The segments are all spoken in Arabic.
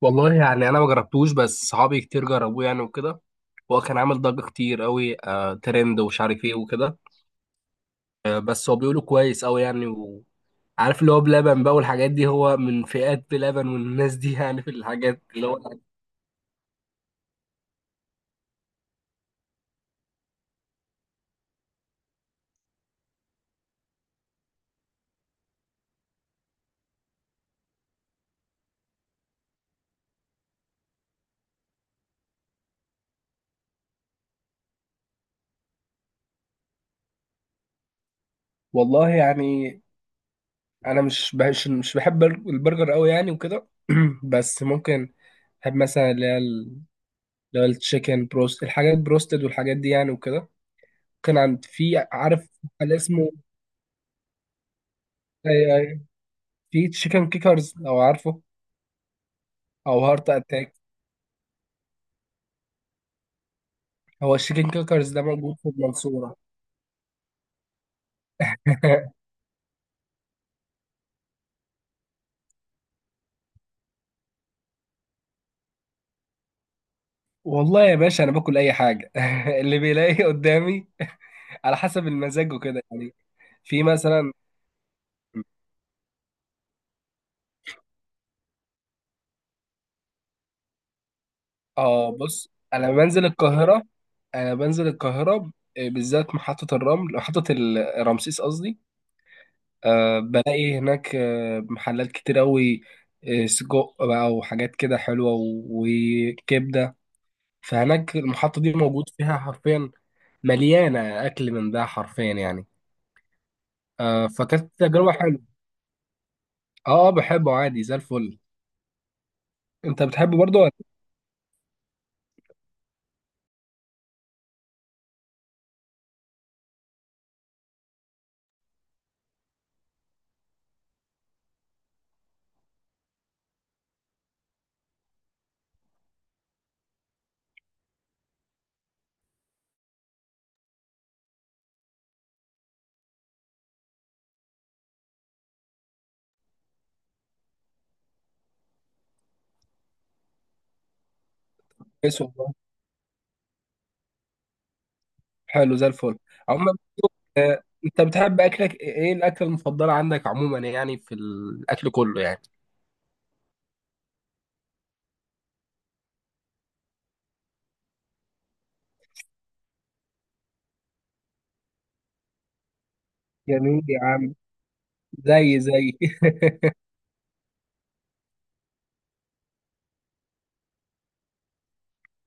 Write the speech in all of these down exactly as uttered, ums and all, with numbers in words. والله يعني انا ما جربتوش بس صحابي كتير جربوه يعني وكده. هو كان عامل ضجة كتير قوي آه ترند ومش عارف ايه وكده. آه بس هو بيقولوا كويس قوي يعني وعارف اللي هو بلبن بقى والحاجات دي هو من فئات بلبن والناس دي يعني في الحاجات اللي هو. والله يعني انا مش بهش مش بحب البرج- البرجر قوي يعني وكده. بس ممكن بحب مثلا اللي هي ال- اللي هو التشيكن بروست الحاجات بروستد والحاجات دي يعني وكده. كان عند في عارف محل اسمه. أيوه، أيوه. في تشيكن كيكرز لو عارفه او هارت اتاك. هو التشيكن كيكرز ده موجود في المنصورة. والله يا باشا انا باكل اي حاجة. اللي بيلاقي قدامي على حسب المزاج وكده يعني. في مثلا اه بص انا بنزل القاهرة. انا بنزل القاهرة آه، بالذات محطة الرمل محطة ال- رمسيس قصدي. أه بلاقي هناك آه، محلات كتير أوي. آه، سجق بقى وحاجات كده حلوة و- وكبدة. فهناك المحطة دي موجود فيها حرفيا مليانة أكل من ده حرفيا يعني. آه فكانت تجربة حلوة. اه آه، بحبه عادي زي الفل. انت بتحبه برضه ولا؟ كويس والله. حلو زي الفل. عموما انت بتحب أكلك ايه؟ إيه الأكلة المفضلة عندك عموما يعني في الأكل كله يعني؟ جميل يا عم. زي زي.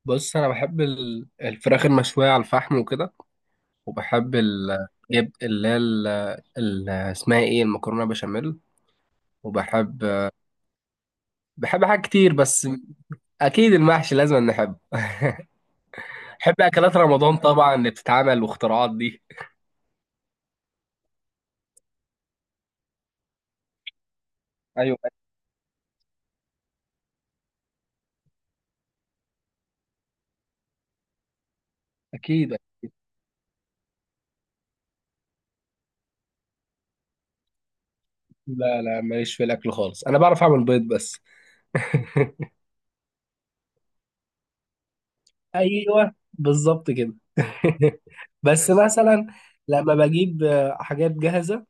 بص انا بحب ال- الفراخ المشويه على الفحم وكده. وبحب ال- جيب اللي هي ال- ال- اسمها ايه المكرونه بشاميل. وبحب. بحب حاجات كتير بس اكيد المحشي لازم نحبه. بحب اكلات رمضان طبعا اللي بتتعمل واختراعات دي. ايوه اكيد. لا لا ماليش في الاكل خالص. انا بعرف اعمل بيض بس. ايوه بالظبط كده. بس مثلا لما بجيب آه، حاجات جاهزه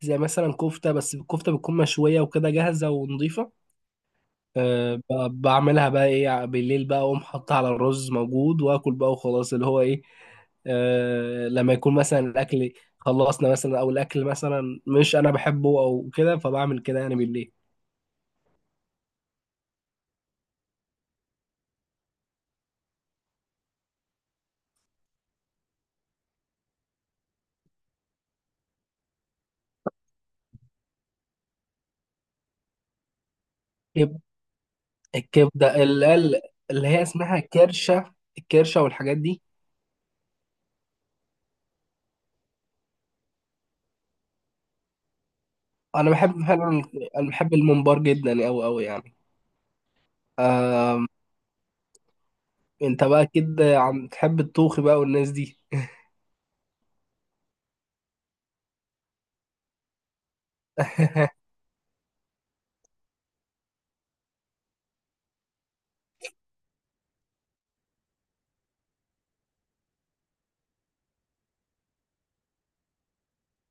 زي مثلا كفته بس الكفته بتكون مشويه وكده جاهزه ونظيفه. أه ب- بعملها بقى ايه بالليل بقى اقوم حاطها على الرز موجود واكل بقى وخلاص اللي هو ايه. أه لما يكون مثلا الاكل خلصنا مثلا او الاكل مثلا مش انا بحبه او كده فبعمل كده يعني بالليل. كب- الكبده اللي هي اللي هي اسمها كرشه الكرشه والحاجات دي. انا بحب فعلا. انا بحب الممبار جدا اوي اوي يعني. آه، انت بقى كده عم تحب الطوخي بقى والناس دي.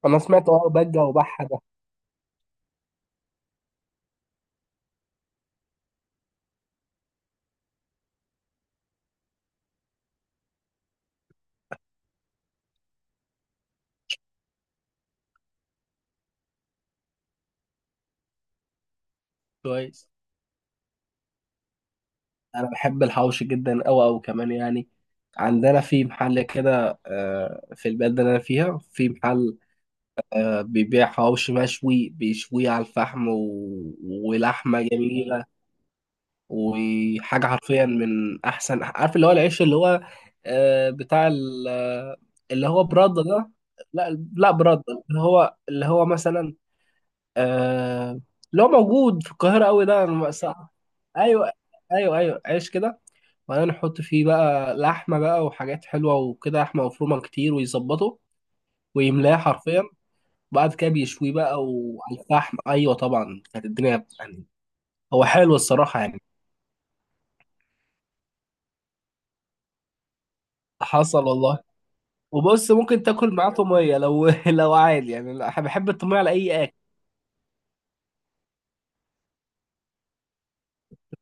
انا سمعت اه بجه وبحه ده. كويس. انا بحب الحوش جدا او او كمان يعني. عندنا في محل كده آه، في البلد اللي انا فيها في محل. آه، بيبيع حوش مشوي بيشويه على الفحم و... ولحمه جميله. وحاجه حرفيا من احسن عارف اللي هو العيش اللي هو. آه، بتاع ال- آه، اللي هو برده ده. لا لا برده. اللي هو اللي هو مثلا. آه، اللي هو موجود في القاهره قوي ده أنا ما- ايوه ايوه ايوه ايوه عيش كده. وبعدين نحط فيه بقى لحمة بقى وحاجات حلوة وكده لحمة مفرومة كتير ويظبطه ويملاه حرفيا. وبعد كده بيشويه بقى وعلى الفحم أيوة طبعا كانت الدنيا يعني. هو حلو الصراحة يعني. حصل والله. وبص ممكن تاكل معاه طومية لو لو عادي يعني أنا بحب الطومية على أي أكل.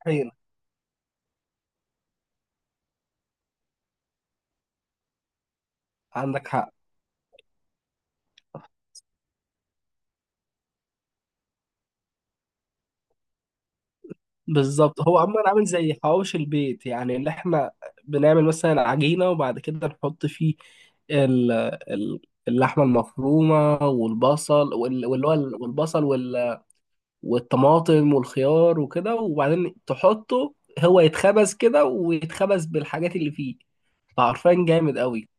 حين. عندك حق. بالظبط هو عموما عامل زي حواوشي البيت يعني اللي احنا بنعمل مثلا عجينة وبعد كده نحط فيه ال- ال- اللحمة المفرومة والبصل وال- واللي هو ال- والبصل وال- والطماطم والخيار وكده وبعدين تحطه. هو يتخبز كده ويتخبز بالحاجات اللي فيه. فعرفان جامد قوي.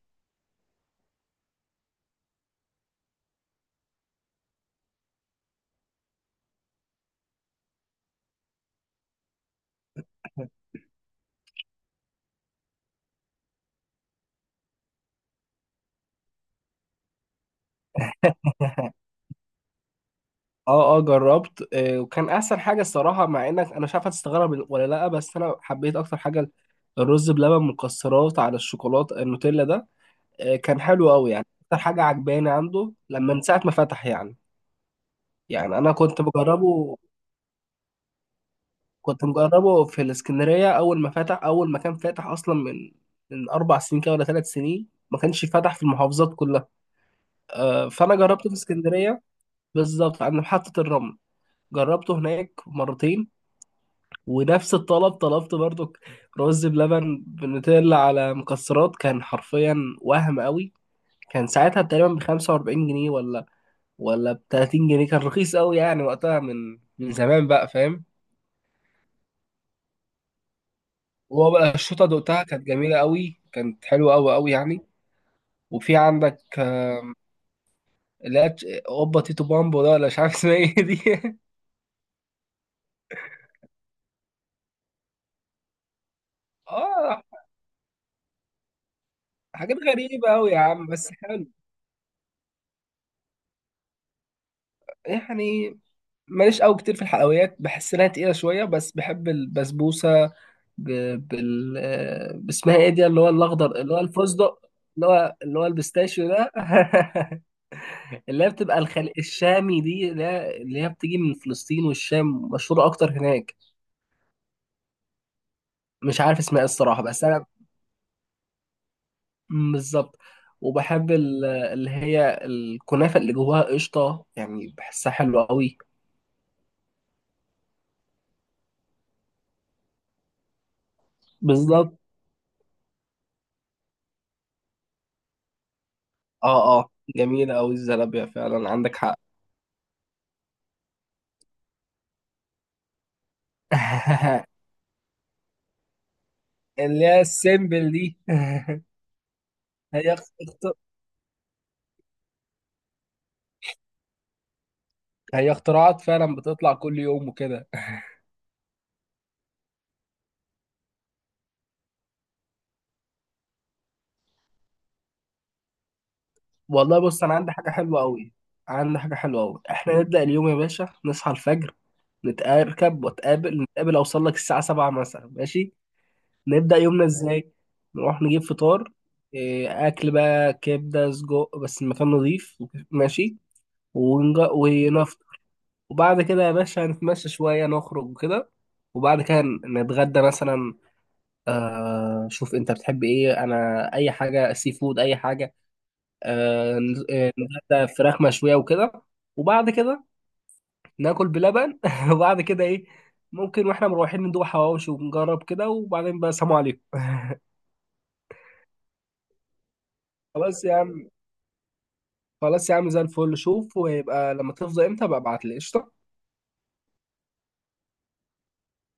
اه اه جربت آه، وكان احسن حاجه الصراحه مع انك انا مش عارف هتستغرب ولا لا بس انا حبيت اكتر حاجه الرز بلبن مكسرات على الشوكولاته النوتيلا ده. آه، كان حلو قوي يعني اكتر حاجه عجباني عنده لما من ساعه ما فتح يعني. يعني انا كنت بجربه. كنت مجربه في الاسكندريه اول ما فتح اول ما كان فاتح اصلا من من اربع سنين كده ولا ثلاث سنين ما كانش فاتح في المحافظات كلها. آه، فانا جربته في اسكندريه بالظبط عند محطه الرمل. جربته هناك مرتين ونفس الطلب طلبت برضو رز بلبن بنوتيلا على مكسرات كان حرفيا وهم قوي. كان ساعتها تقريبا ب خمسة وأربعين جنيه ولا ولا ب ثلاثين جنيه كان رخيص قوي يعني وقتها من من زمان بقى فاهم. هو بقى الشوطه دقتها كانت جميله قوي كانت حلوه قوي قوي يعني. وفي عندك اللي هي اوبا تيتو بامبو ده ولا مش عارف اسمها ايه دي؟ اه حاجات غريبه قوي يا عم بس حلو يعني. ماليش قوي كتير في الحلويات بحس انها تقيله شويه بس بحب البسبوسه. ب... بال آه، باسمها ايه دي اللي هو الاخضر اللي هو الفستق. اللي هو اللي هو البستاشيو ده. اللي هي بتبقى الخل... الشامي دي اللي هي اللي هي بتيجي من فلسطين والشام مشهوره اكتر هناك. مش عارف اسمها ايه الصراحه بس انا. مم، بالظبط. وبحب ال- اللي هي الكنافه اللي جواها قشطه يعني بحسها حلوه قوي. بالظبط. اه اه جميله قوي الزلابيه فعلا عندك حق. اللي هي السيمبل دي. هي اخت- اخت- هي اختراعات فعلا بتطلع كل يوم وكده. والله بص انا عندي حاجه حلوه قوي. عندي حاجه حلوه قوي احنا نبدا اليوم يا باشا نصحى الفجر نتركب واتقابل نتقابل اوصل لك الساعه سبعة مثلا ماشي. نبدا يومنا ازاي. نروح نجيب فطار. إيه، اكل بقى كبده سجق بس المكان نظيف. ماشي. ونج- ونفطر. وبعد كده يا باشا هنتمشى شويه نخرج وكده. وبعد كده نتغدى مثلا. آه شوف انت بتحب ايه انا اي حاجه سي فود اي حاجه. آه ن- آه، نتغدى فراخ مشويه وكده. وبعد كده ناكل بلبن. وبعد كده ايه ممكن واحنا مروحين ندوق حواوشي ونجرب كده وبعدين بقى سلام عليكم. خلاص يا عم. خلاص يا عم زي الفل. شوف ويبقى لما تفضى امتى بقى ابعت لي قشطة.